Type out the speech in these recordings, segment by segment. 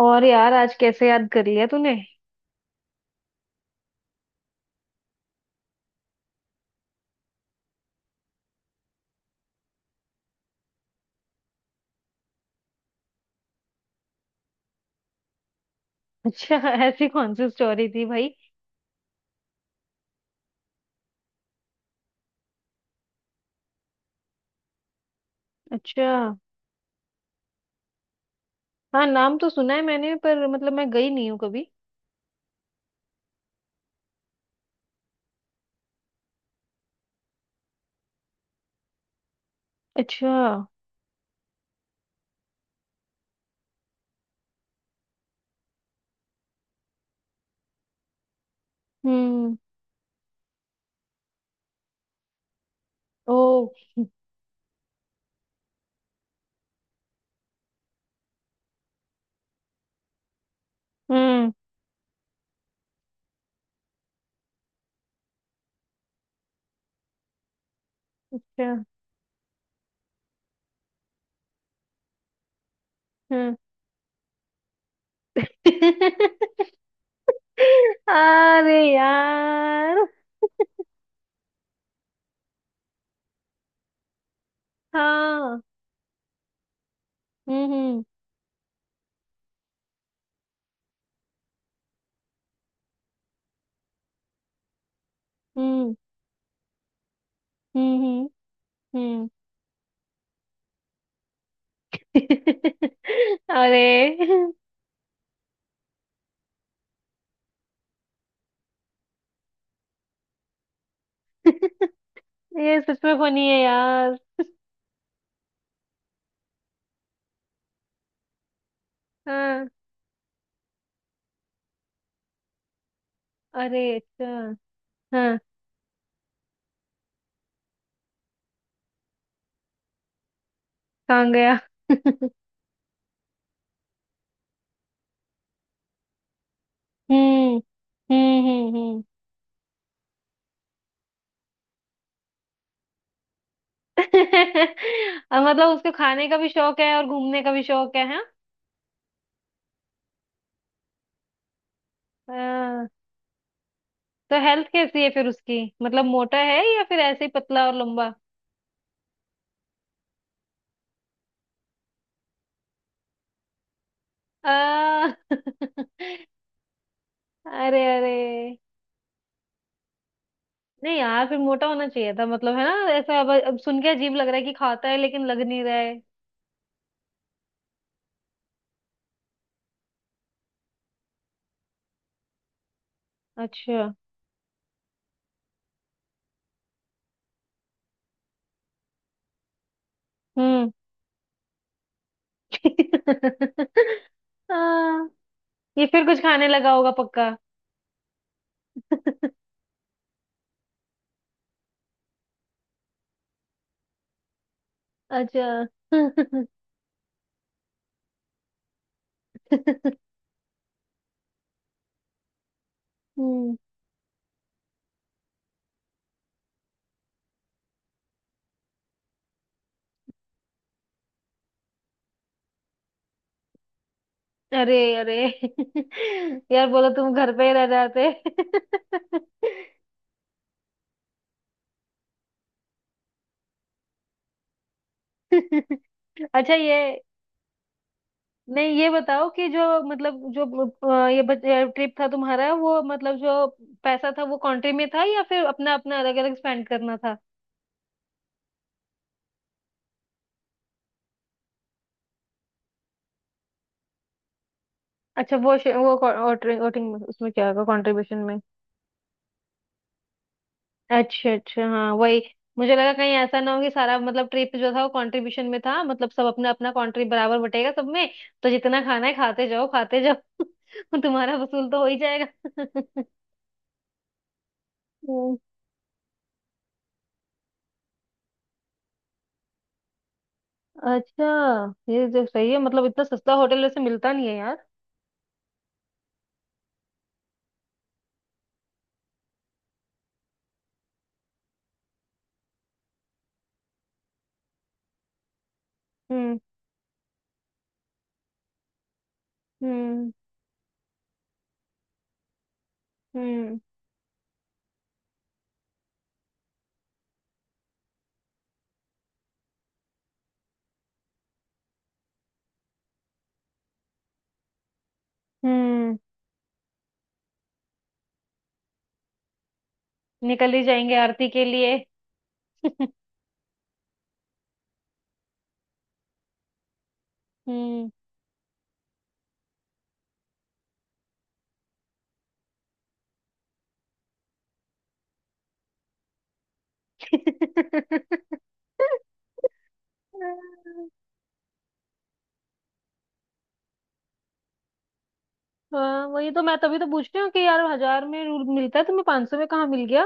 और यार आज कैसे याद कर लिया तूने। अच्छा। ऐसी कौन सी स्टोरी थी भाई। अच्छा। हाँ, नाम तो सुना है मैंने पर मतलब मैं गई नहीं हूँ कभी। अच्छा। हम्म। ओ। हम्म। अच्छा। हम्म। अरे यार। हाँ। हम्म, हम्म, हम्म। हम्म, हम्म, हम्म। अरे। ये सच में फनी है यार। हाँ। अरे, अच्छा। हाँ। कहाँ गया? हम्म, हम्म, हम्म, हम्म। और मतलब उसको खाने का भी शौक है और घूमने का भी शौक है, हाँ। हाँ, तो हेल्थ कैसी है फिर उसकी, मतलब मोटा है या फिर ऐसे ही पतला और लंबा। आ, अरे, अरे। नहीं यार, फिर मोटा होना चाहिए था मतलब, है ना ऐसा। अब सुन के अजीब लग रहा है कि खाता है लेकिन लग नहीं रहा है। अच्छा। हम्म। हाँ, ये फिर कुछ खाने लगा होगा पक्का। अच्छा। हम्म। अरे, अरे। यार बोलो तुम घर पे ही रह जाते। अच्छा। ये नहीं, ये बताओ कि जो, मतलब जो, ये ट्रिप था तुम्हारा वो, मतलब जो पैसा था वो कंट्री में था या फिर अपना अपना अलग अलग स्पेंड करना था। अच्छा, वो वोटिंग उसमें क्या होगा कंट्रीब्यूशन में। अच्छा, अच्छा, हाँ वही। मुझे लगा कहीं ऐसा ना हो कि सारा मतलब ट्रिप जो था वो कंट्रीब्यूशन में था, मतलब सब अपना अपना कंट्रीब्यूट बराबर बटेगा सब में। तो जितना खाना है खाते जाओ, खाते जाओ। तुम्हारा वसूल तो हो ही जाएगा। हम्म। अच्छा, ये जो सही है, मतलब इतना सस्ता होटल वैसे मिलता नहीं है यार। हम्म, हम्म, हम्म, हम्म। निकल ही जाएंगे आरती के लिए। हम्म। हाँ, वही तो मैं तभी तो पूछ रही हूँ कि यार 1,000 में रूल मिलता है, तुम्हें 500 में कहाँ मिल गया।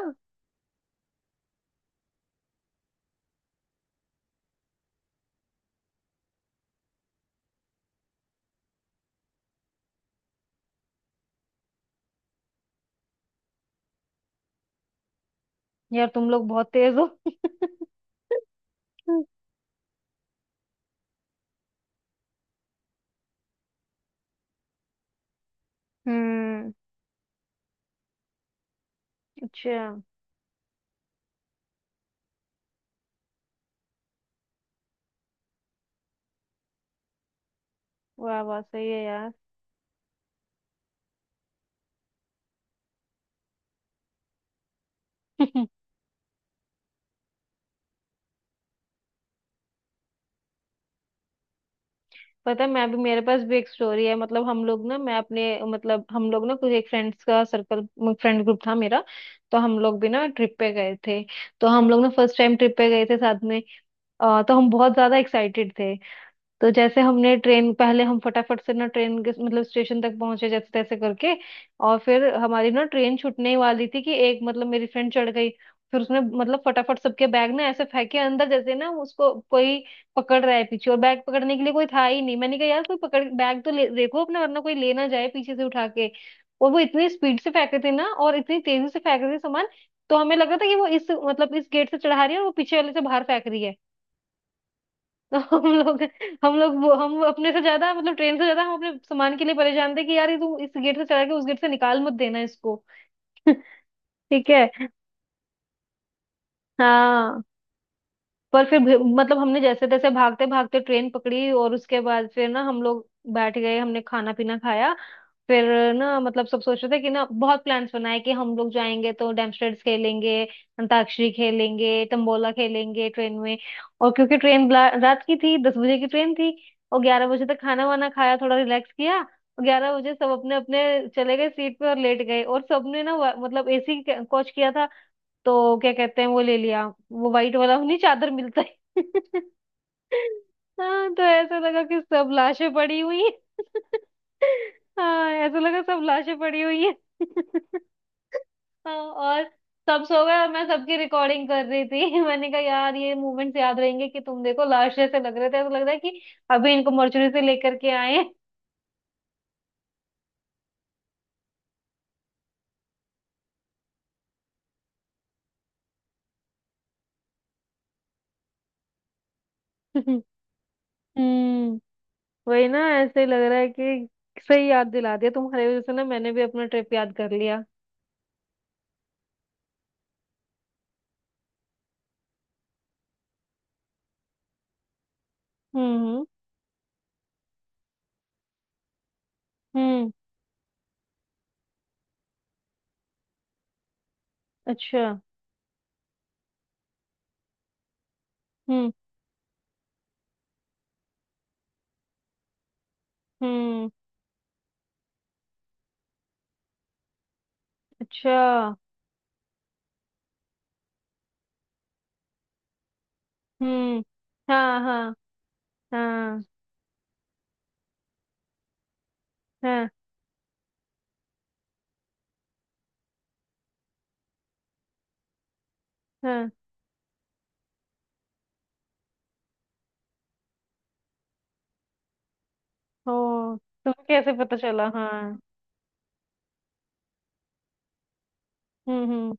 यार तुम लोग बहुत तेज हो। हम्म। अच्छा। वाह वाह, सही है यार। पता है मैं भी, मेरे पास भी एक स्टोरी है। मतलब हम लोग ना, मैं अपने, मतलब हम लोग ना कुछ एक फ्रेंड्स का सर्कल, फ्रेंड ग्रुप था मेरा। तो हम लोग भी ना ट्रिप पे गए थे। तो हम लोग ना फर्स्ट टाइम ट्रिप पे गए थे साथ में। तो हम बहुत ज्यादा एक्साइटेड थे। तो जैसे हमने ट्रेन, पहले हम फटाफट से ना ट्रेन के मतलब स्टेशन तक पहुंचे जैसे तैसे करके। और फिर हमारी ना ट्रेन छूटने ही वाली थी कि एक, मतलब मेरी फ्रेंड चढ़ गई। फिर उसने मतलब फटाफट सबके बैग ना ऐसे फेंके अंदर जैसे ना उसको कोई पकड़ रहा है पीछे, और बैग पकड़ने के लिए कोई था ही नहीं। मैंने कहा यार कोई पकड़ बैग तो ले, देखो अपना वरना कोई ले ना जाए पीछे से उठा के। और वो इतनी स्पीड से फेंक रहे थे ना, और इतनी तेजी से फेंक रहे थे सामान। तो हमें लगा था कि वो इस गेट से चढ़ा रही है और वो पीछे वाले से बाहर फेंक रही है। तो हम लोग, वो हम अपने से ज्यादा, मतलब ट्रेन से ज्यादा हम अपने सामान के लिए परेशान थे कि यार ये तू इस गेट से चढ़ा के उस गेट से निकाल मत देना इसको। ठीक है। हाँ, मतलब हमने जैसे तैसे भागते भागते ट्रेन पकड़ी और उसके बाद फिर ना हम लोग बैठ गए, हमने खाना पीना खाया। फिर ना मतलब सब सोच रहे थे कि ना बहुत प्लान्स बनाए कि हम लोग जाएंगे तो डेमस्ट्रेट्स खेलेंगे, अंताक्षरी खेलेंगे, तंबोला खेलेंगे ट्रेन में। और क्योंकि ट्रेन रात की थी, 10 बजे की ट्रेन थी। और 11 बजे तक खाना वाना खाया, थोड़ा रिलैक्स किया, और 11 बजे सब अपने अपने चले गए सीट पे और लेट गए। और सबने ना मतलब एसी कोच किया था तो क्या कहते हैं वो ले लिया, वो वाइट वाला नहीं चादर मिलता है। हाँ तो ऐसा लगा कि सब लाशें पड़ी हुई हैं। हाँ, ऐसा लगा सब लाशें पड़ी हुई हैं। हाँ। और सब सो गए और मैं सबकी रिकॉर्डिंग कर रही थी। मैंने कहा यार ये मूवमेंट्स याद रहेंगे कि तुम देखो, लाशें से लग रहे थे, ऐसा लग रहा है कि अभी इनको मर्चुरी से लेकर के आए हैं। हम्म। वही ना, ऐसे ही लग रहा है कि सही याद दिला दिया तुम्हारी वजह से ना, मैंने भी अपना ट्रिप याद कर लिया। हम्म, हम्म। अच्छा। हम्म, हम्म। अच्छा। हम्म। हाँ, हाँ, हाँ, हाँ। हाँ। ओ। तुम्हें कैसे पता चला? हाँ। हम्म, हम्म।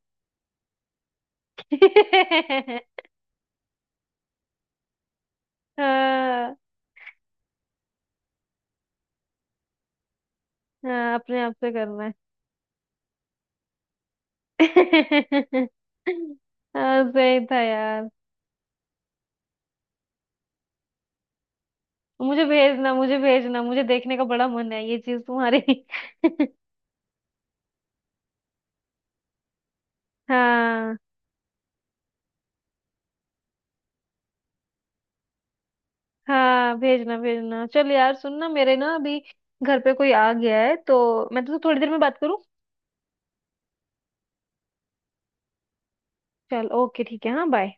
हाँ, हाँ, अपने आप से करना है। हाँ, सही था यार। मुझे भेजना, मुझे भेजना, मुझे देखने का बड़ा मन है ये चीज तुम्हारी। हाँ, हाँ भेजना, भेजना। चल यार सुन ना, मेरे ना अभी घर पे कोई आ गया है तो मैं तो थोड़ी देर में बात करूँ। चल, ओके, ठीक है, हाँ, बाय।